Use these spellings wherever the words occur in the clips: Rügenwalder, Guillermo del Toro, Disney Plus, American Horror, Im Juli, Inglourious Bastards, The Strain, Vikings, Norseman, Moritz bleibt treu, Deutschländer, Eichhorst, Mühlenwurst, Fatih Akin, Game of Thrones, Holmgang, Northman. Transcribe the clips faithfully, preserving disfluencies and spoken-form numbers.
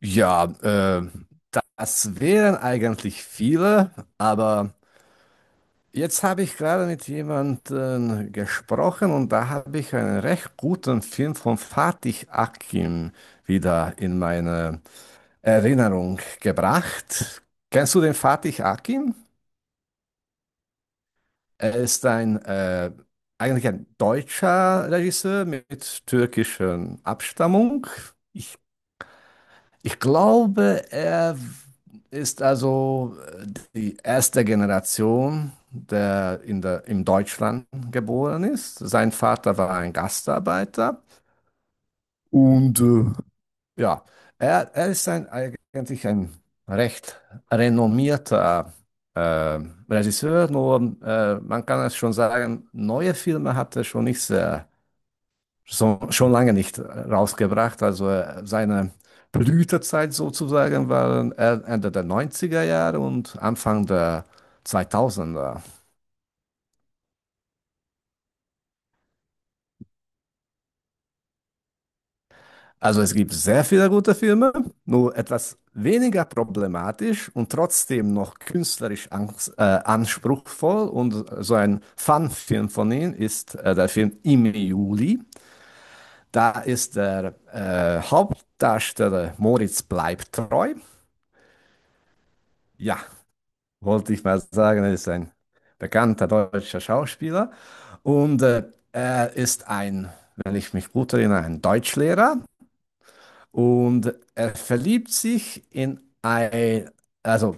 Ja, äh, das wären eigentlich viele, aber jetzt habe ich gerade mit jemandem gesprochen und da habe ich einen recht guten Film von Fatih Akin wieder in meine Erinnerung gebracht. Kennst du den Fatih Akin? Er ist ein äh, eigentlich ein deutscher Regisseur mit türkischer Abstammung. Ich glaube, er ist also äh, die erste Generation, der in der, in Deutschland geboren ist. Sein Vater war ein Gastarbeiter und äh, ja, er, er ist ein, eigentlich ein recht renommierter äh, Regisseur, nur äh, man kann es schon sagen, neue Filme hat er schon nicht sehr so, schon lange nicht äh, rausgebracht. Also äh, seine Blütezeit sozusagen waren äh, Ende der neunziger Jahre und Anfang der zweitausender. Also es gibt sehr viele gute Filme, nur etwas weniger problematisch und trotzdem noch künstlerisch ans äh, anspruchsvoll. Und äh, so ein Fun-Film von ihm ist äh, der Film Im Juli. Da ist der äh, Hauptdarsteller Moritz bleibt treu. Ja, wollte ich mal sagen, er ist ein bekannter deutscher Schauspieler und äh, er ist ein, wenn ich mich gut erinnere, ein Deutschlehrer und er verliebt sich in ein, also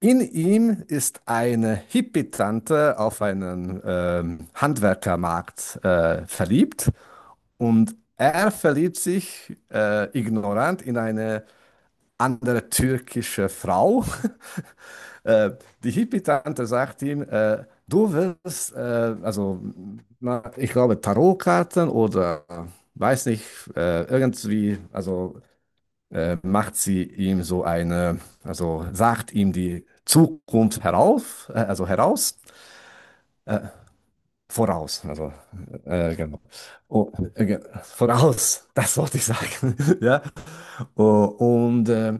in ihm ist eine Hippie-Tante auf einen ähm, Handwerkermarkt äh, verliebt und er verliebt sich äh, ignorant in eine andere türkische Frau äh, die Hippie-Tante sagt ihm, äh, du wirst, äh, also na, ich glaube Tarotkarten oder weiß nicht, äh, irgendwie, also äh, macht sie ihm so eine, also sagt ihm die Zukunft herauf, äh, also heraus, voraus, also äh, genau. Oh, äh, ge- voraus, das wollte ich sagen, ja. Oh, und äh,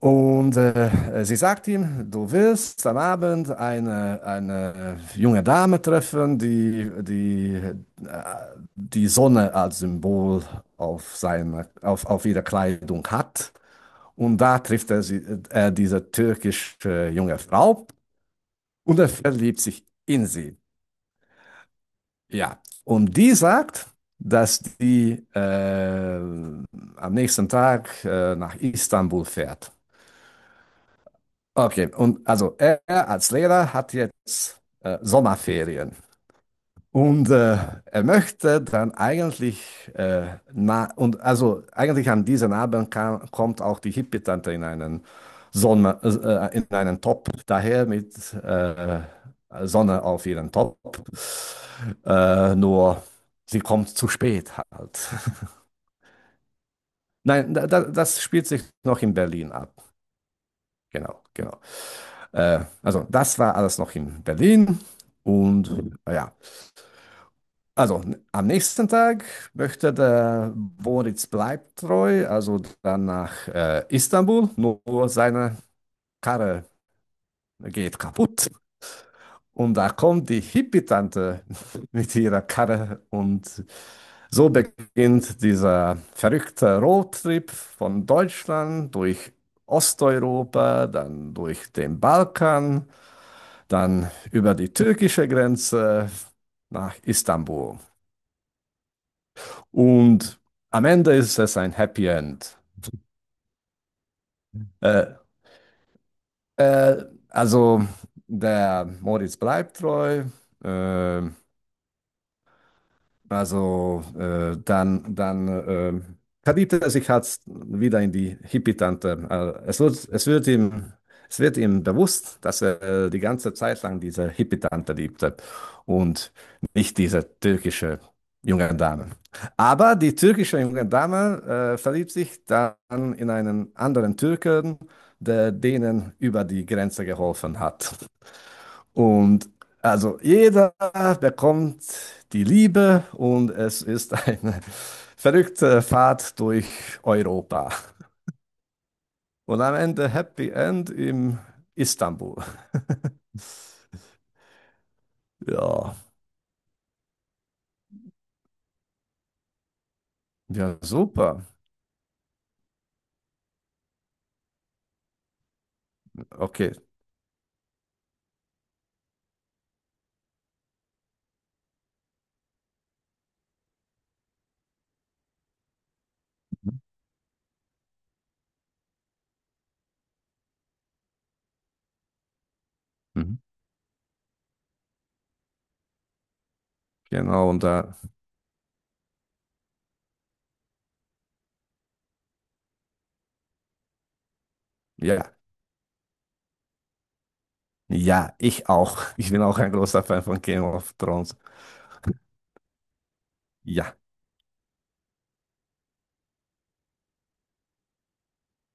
Und äh, sie sagt ihm, du wirst am Abend eine, eine junge Dame treffen, die, die äh, die Sonne als Symbol auf, seine, auf, auf ihrer Kleidung hat. Und da trifft er sie, äh, diese türkische junge Frau und er verliebt sich in sie. Ja. Und die sagt, dass die äh, am nächsten Tag äh, nach Istanbul fährt. Okay, und also er als Lehrer hat jetzt äh, Sommerferien und äh, er möchte dann eigentlich äh, na und also eigentlich an diesen Abend kam, kommt auch die Hippie-Tante in einen Sonne äh, in einen Top daher mit äh, Sonne auf ihren Top. Äh, nur sie kommt zu spät halt. Nein, da, da, das spielt sich noch in Berlin ab. Genau, genau. Äh, also das war alles noch in Berlin und äh, ja. Also am nächsten Tag möchte der Boris bleibt treu, also dann nach äh, Istanbul, nur seine Karre geht kaputt. Und da kommt die Hippie-Tante mit ihrer Karre und so beginnt dieser verrückte Roadtrip von Deutschland durch Osteuropa, dann durch den Balkan dann über die türkische Grenze nach Istanbul. Und am Ende ist es ein Happy End. Äh, äh, also der Moritz bleibt treu. Äh, Also äh, dann, dann äh, verliebt er sich halt wieder in die Hippie-Tante. Also es wird, es wird ihm, es wird ihm bewusst, dass er äh, die ganze Zeit lang diese Hippie-Tante liebte und nicht diese türkische junge Dame. Aber die türkische junge Dame äh, verliebt sich dann in einen anderen Türken, der denen über die Grenze geholfen hat. Und also jeder bekommt die Liebe und es ist eine verrückte Fahrt durch Europa. Und am Ende Happy End in Istanbul. Ja, ja, super. Okay, Mhm. Genau. Und da, ja, ja, ich auch. Ich bin auch ein großer Fan von Game of Thrones. Ja,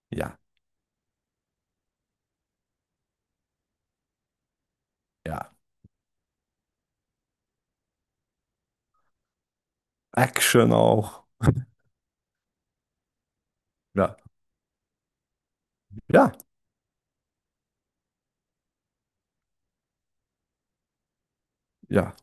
ja, ja. Action auch. Ja, ja, ja.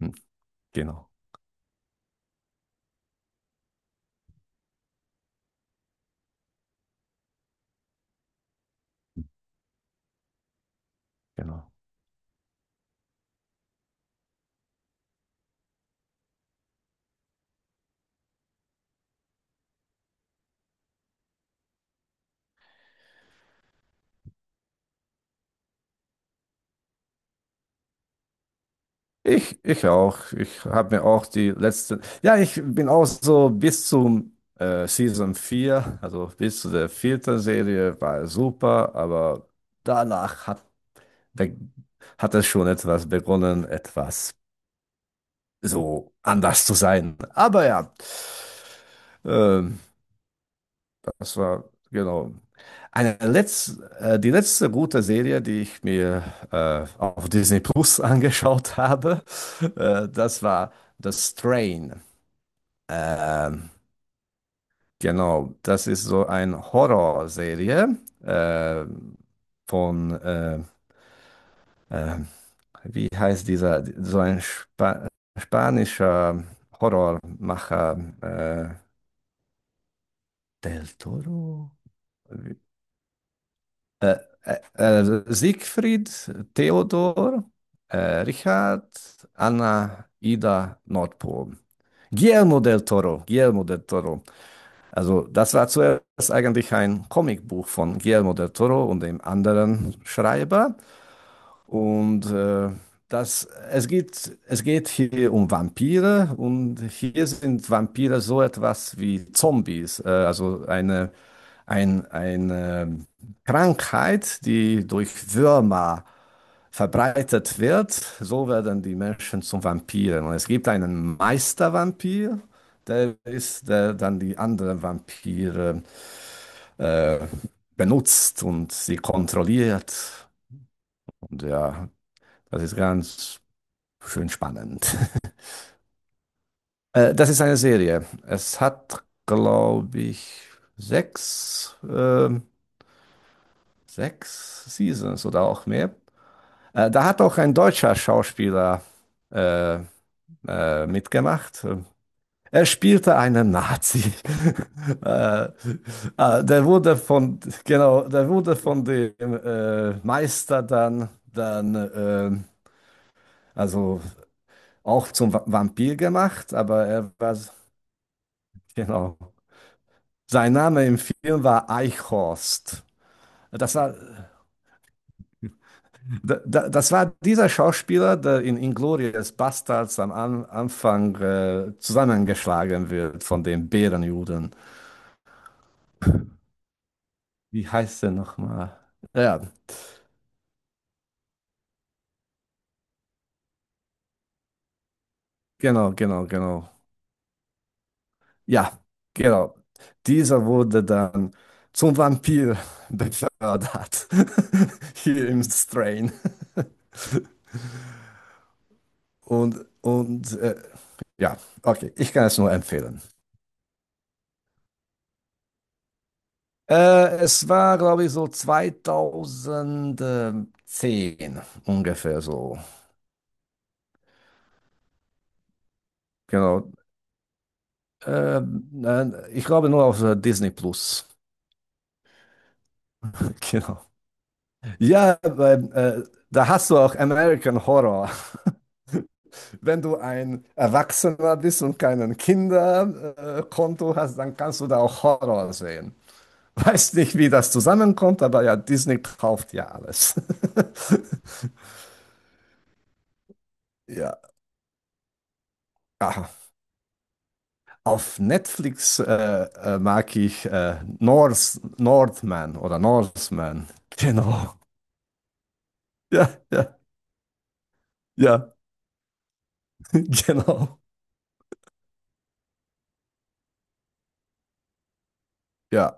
Hm, genau, genau. Ich, ich auch. Ich habe mir auch die letzte. Ja, ich bin auch so bis zum äh, Season vier, also bis zu der vierten Serie war super, aber danach hat, be- hat es schon etwas begonnen, etwas so anders zu sein. Aber ja, ähm, das war genau. Eine letz, äh, die letzte gute Serie, die ich mir äh, auf Disney Plus angeschaut habe, äh, das war The Strain. Ähm, genau, das ist so eine Horrorserie äh, von, äh, äh, wie heißt dieser, so ein Spa spanischer Horrormacher, äh, Del Toro? Wie- Äh, äh, äh, Siegfried, Theodor, äh, Richard, Anna, Ida, Nordpol. Guillermo del Toro, Guillermo del Toro. Also das war zuerst eigentlich ein Comicbuch von Guillermo del Toro und dem anderen Schreiber. Und äh, das, es geht, es geht hier um Vampire und hier sind Vampire so etwas wie Zombies, äh, also eine, ein, eine Krankheit, die durch Würmer verbreitet wird. So werden die Menschen zum Vampiren. Und es gibt einen Meistervampir der ist, der dann die anderen Vampire äh, benutzt und sie kontrolliert. Und ja, das ist ganz schön spannend. Äh, das ist eine Serie. Es hat, glaube ich, sechs, ähm, sechs Seasons oder auch mehr. Äh, da hat auch ein deutscher Schauspieler äh, äh, mitgemacht. Er spielte einen Nazi. äh, äh, der wurde von, genau, der wurde von dem äh, Meister dann, dann äh, also auch zum Va- Vampir gemacht, aber er war, genau. Sein Name im Film war Eichhorst. Das war, da, da, das war dieser Schauspieler, der in Inglourious Bastards am An Anfang äh, zusammengeschlagen wird von den Bärenjuden. Wie heißt er nochmal? Ja, genau, genau, genau. Ja, genau. Dieser wurde dann zum Vampir befördert. Hier im Strain. Und, und äh, ja, okay, ich kann es nur empfehlen. Äh, es war, glaube ich, so zweitausendzehn ungefähr so. Genau. Äh, nein, ich glaube nur auf äh, Disney Plus. Genau. Ja, weil, äh, da hast du auch American Horror. Wenn du ein Erwachsener bist und kein Kinderkonto hast, dann kannst du da auch Horror sehen. Weiß nicht, wie das zusammenkommt, aber ja, Disney kauft ja alles. Ja. Ah, auf Netflix äh, äh, mag ich äh, North, Northman oder Norseman. Genau. Ja, ja, ja, genau. Ja.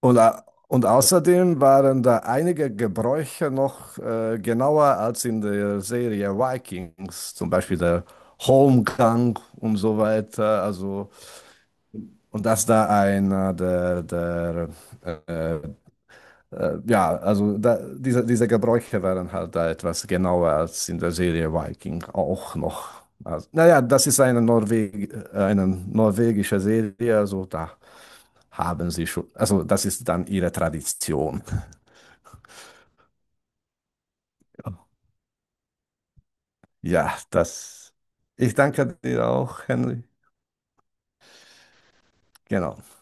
Und, au- und außerdem waren da einige Gebräuche noch äh, genauer als in der Serie Vikings, zum Beispiel der Holmgang und so weiter. Also, und dass da einer der, der äh, äh, ja, also da, diese, diese Gebräuche waren halt da etwas genauer als in der Serie Viking auch noch. Also, naja, das ist eine, Norweg äh, eine norwegische Serie, also da haben sie schon, also das ist dann ihre Tradition. Ja, das. Ich danke dir auch, Henry. Genau.